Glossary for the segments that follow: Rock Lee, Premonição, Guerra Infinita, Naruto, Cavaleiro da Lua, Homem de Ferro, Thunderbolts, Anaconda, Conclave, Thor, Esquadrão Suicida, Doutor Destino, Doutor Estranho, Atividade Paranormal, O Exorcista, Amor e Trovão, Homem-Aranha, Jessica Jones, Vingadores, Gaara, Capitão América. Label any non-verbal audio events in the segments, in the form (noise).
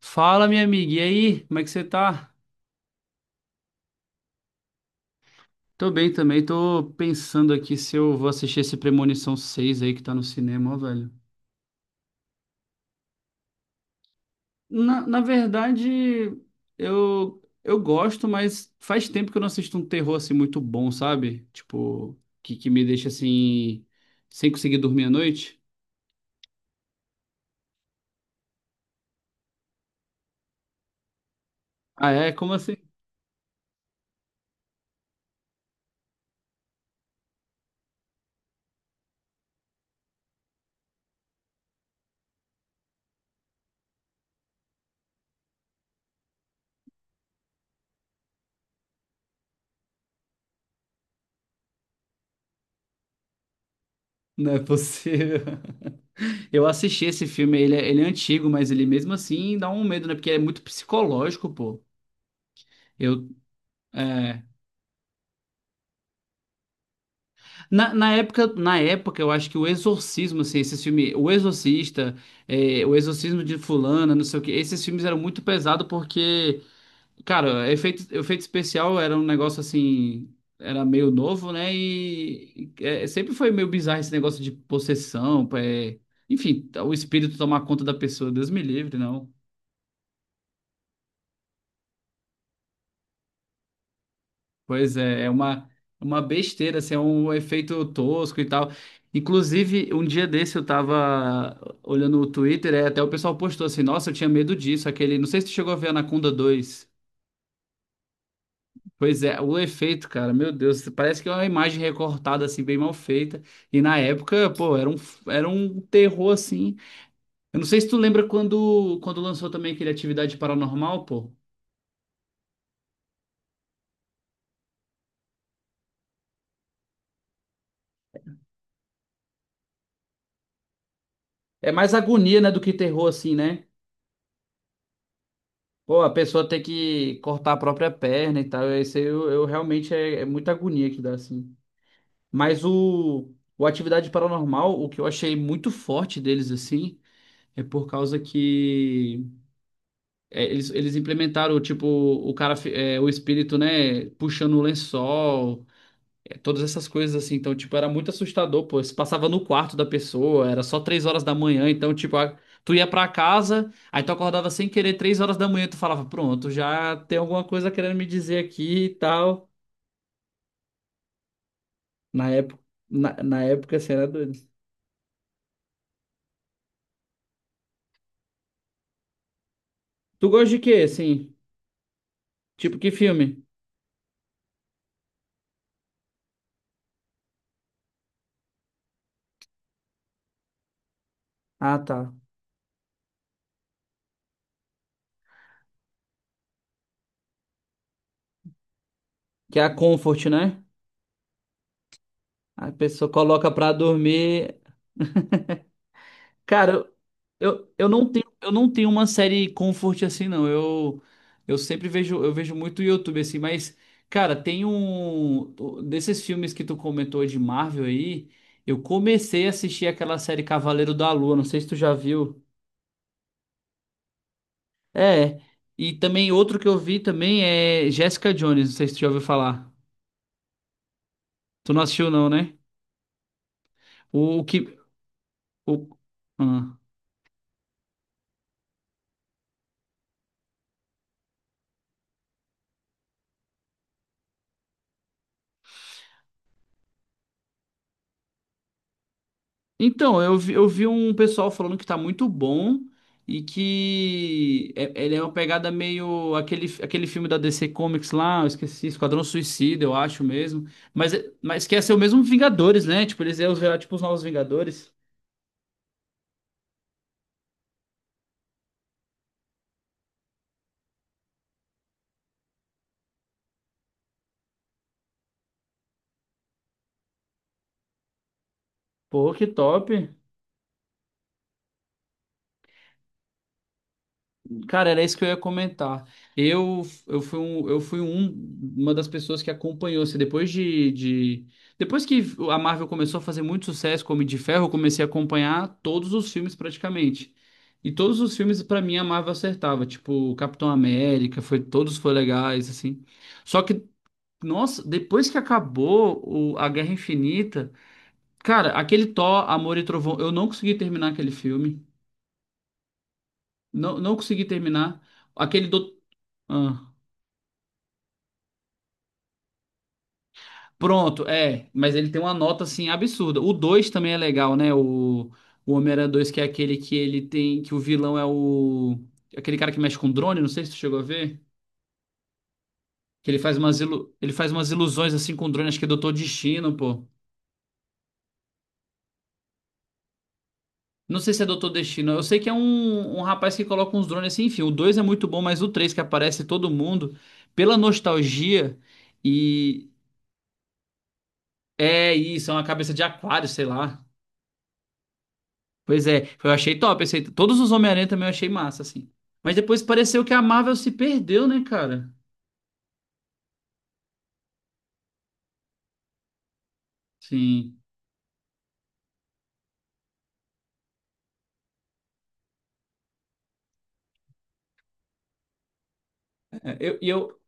Fala, minha amiga, e aí? Como é que você tá? Tô bem também, tô pensando aqui se eu vou assistir esse Premonição 6 aí que tá no cinema, ó, velho. Na verdade, eu gosto, mas faz tempo que eu não assisto um terror assim muito bom, sabe? Tipo, que me deixa assim, sem conseguir dormir à noite. Ah, é? Como assim? Não é possível. (laughs) Eu assisti esse filme, ele é antigo, mas ele mesmo assim dá um medo, né? Porque é muito psicológico, pô. Eu, é. Na época, na época, eu acho que o Exorcismo, assim, esses filmes, O Exorcista, é, O Exorcismo de Fulana, não sei o quê, esses filmes eram muito pesados porque, cara, efeito, efeito especial era um negócio assim, era meio novo, né? E é, sempre foi meio bizarro esse negócio de possessão, é, enfim, o espírito tomar conta da pessoa, Deus me livre, não. Pois é, é uma besteira, assim, é um efeito tosco e tal. Inclusive, um dia desse eu tava olhando o Twitter, é, até o pessoal postou assim, nossa, eu tinha medo disso, aquele, não sei se tu chegou a ver Anaconda dois. Pois é, o efeito, cara, meu Deus, parece que é uma imagem recortada, assim, bem mal feita. E na época, pô, era um terror, assim. Eu não sei se tu lembra quando lançou também aquele Atividade Paranormal, pô. É mais agonia, né, do que terror, assim, né? Pô, a pessoa tem que cortar a própria perna e tal. Isso aí eu realmente é, é muita agonia que dá, assim. Mas o Atividade Paranormal, o que eu achei muito forte deles, assim, é por causa que é, eles implementaram, tipo, o cara, é, o espírito, né, puxando o lençol. Todas essas coisas assim, então, tipo, era muito assustador, pô. Você passava no quarto da pessoa, era só três horas da manhã, então, tipo, tu ia pra casa, aí tu acordava sem querer três horas da manhã, tu falava, pronto, já tem alguma coisa querendo me dizer aqui e tal. Na época, na época, assim, era doido. Tu gosta de quê, assim? Tipo, que filme? Ah, tá. Que é a Comfort, né? A pessoa coloca pra dormir. Cara, eu não tenho, eu não tenho uma série comfort assim, não. Eu sempre vejo, eu vejo muito YouTube assim, mas, cara, tem um. Desses filmes que tu comentou de Marvel aí, eu comecei a assistir aquela série Cavaleiro da Lua, não sei se tu já viu. É. E também outro que eu vi também é Jessica Jones, não sei se tu já ouviu falar. Tu não assistiu, não, né? O que. O, ah. Então, eu vi um pessoal falando que tá muito bom e que ele é uma pegada meio aquele, aquele filme da DC Comics lá, eu esqueci, Esquadrão Suicida, eu acho mesmo. Mas, mas que ia ser o mesmo Vingadores, né? Tipo, eles iam virar tipo os novos Vingadores. Pô, que top. Cara, era isso que eu ia comentar. Eu, eu fui, um, eu fui um- uma das pessoas que acompanhou. Assim, depois que a Marvel começou a fazer muito sucesso com o Homem de Ferro, eu comecei a acompanhar todos os filmes praticamente. E todos os filmes, pra mim, a Marvel acertava. Tipo, Capitão América, foi, todos foram legais, assim. Só que, nossa, depois que acabou a Guerra Infinita, cara, aquele Thor, Amor e Trovão, eu não consegui terminar aquele filme. Não, não consegui terminar. Aquele do... ah. Pronto, é, mas ele tem uma nota assim absurda. O 2 também é legal, né? O Homem-Aranha 2, que é aquele que ele tem, que o vilão é o aquele cara que mexe com drone, não sei se tu chegou a ver, que ele faz umas ilu... ele faz umas ilusões assim com drone, acho que é Doutor Destino, pô. Não sei se é Doutor Destino. Eu sei que é um rapaz que coloca uns drones assim, enfim. O 2 é muito bom, mas o 3 que aparece todo mundo pela nostalgia e é isso, é uma cabeça de aquário, sei lá. Pois é, eu achei top, esse aí. Todos os Homem-Aranha também eu achei massa, assim. Mas depois pareceu que a Marvel se perdeu, né, cara? Sim. É, eu, e eu,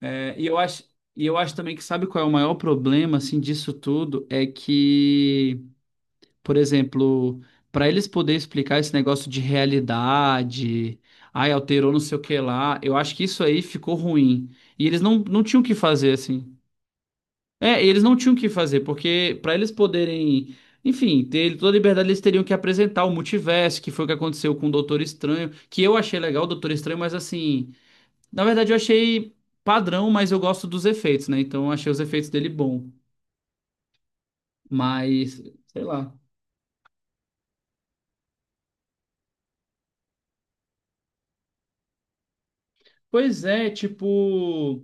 é, e eu acho, E eu acho também que sabe qual é o maior problema, assim, disso tudo? É que, por exemplo, para eles poderem explicar esse negócio de realidade, ai, alterou não sei o que lá, eu acho que isso aí ficou ruim. E eles não, não tinham o que fazer, assim. É, e eles não tinham o que fazer, porque para eles poderem, enfim, ter toda a liberdade, eles teriam que apresentar o multiverso, que foi o que aconteceu com o Doutor Estranho, que eu achei legal o Doutor Estranho, mas assim, na verdade eu achei padrão, mas eu gosto dos efeitos, né? Então eu achei os efeitos dele bom, mas sei lá. Pois é, tipo,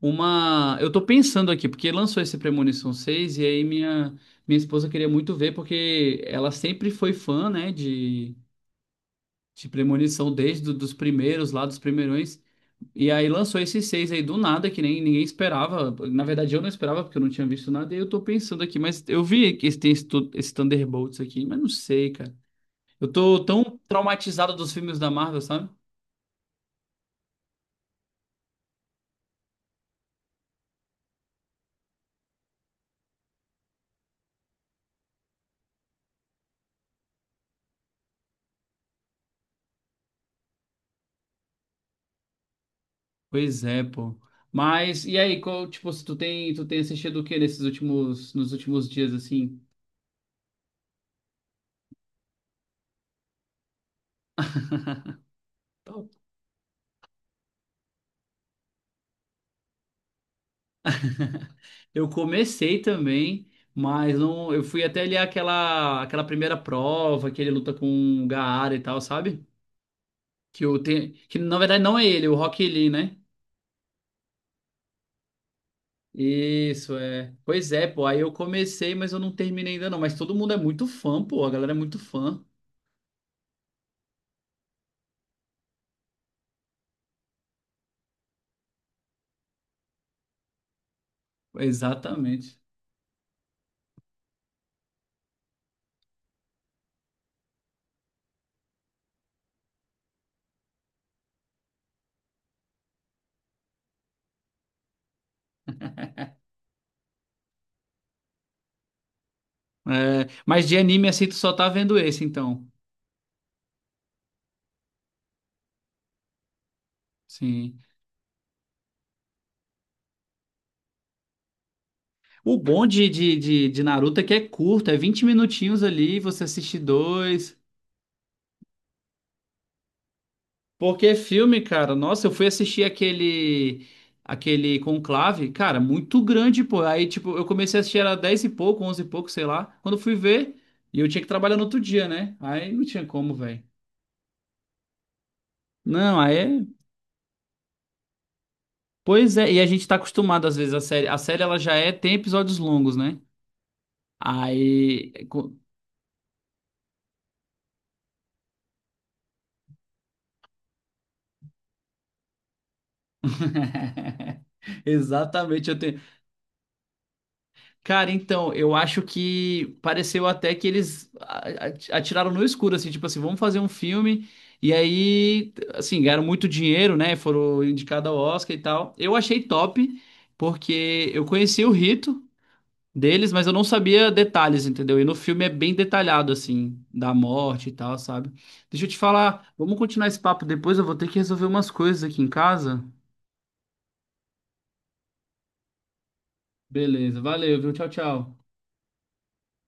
uma, eu tô pensando aqui, porque lançou esse Premonição 6 e aí minha esposa queria muito ver porque ela sempre foi fã, né, de premonição desde do, dos primeiros lá, dos primeirões. E aí lançou esses seis aí do nada, que nem ninguém esperava. Na verdade, eu não esperava, porque eu não tinha visto nada. E eu tô pensando aqui, mas eu vi que tem esse, esse Thunderbolts aqui, mas não sei, cara. Eu tô tão traumatizado dos filmes da Marvel, sabe? Pois é, pô. Mas, e aí, qual, tipo, se tu tem assistido o que nesses últimos, nos últimos dias, assim? Eu comecei também, mas não, eu fui até ali aquela primeira prova que ele luta com o Gaara e tal, sabe? Que eu tenho, que na verdade não é ele, é o Rock Lee, né? Isso é. Pois é, pô, aí eu comecei, mas eu não terminei ainda não, mas todo mundo é muito fã, pô, a galera é muito fã. Exatamente. É, mas de anime assim tu só tá vendo esse então. Sim. O bom de Naruto é que é curto, é 20 minutinhos ali, você assiste dois. Porque filme, cara, nossa, eu fui assistir aquele Conclave, cara, muito grande, pô. Aí, tipo, eu comecei a assistir era 10 e pouco, 11 e pouco, sei lá. Quando eu fui ver, e eu tinha que trabalhar no outro dia, né? Aí não tinha como, velho. Não, pois é, e a gente tá acostumado às vezes a série ela já é tem episódios longos, né? Aí co- (laughs) Exatamente, eu tenho, cara, então, eu acho que pareceu até que eles atiraram no escuro, assim, tipo assim, vamos fazer um filme. E aí, assim, ganharam muito dinheiro, né? Foram indicados ao Oscar e tal. Eu achei top, porque eu conheci o rito deles, mas eu não sabia detalhes, entendeu? E no filme é bem detalhado, assim, da morte e tal, sabe? Deixa eu te falar, vamos continuar esse papo depois, eu vou ter que resolver umas coisas aqui em casa. Beleza, valeu, viu? Tchau, tchau.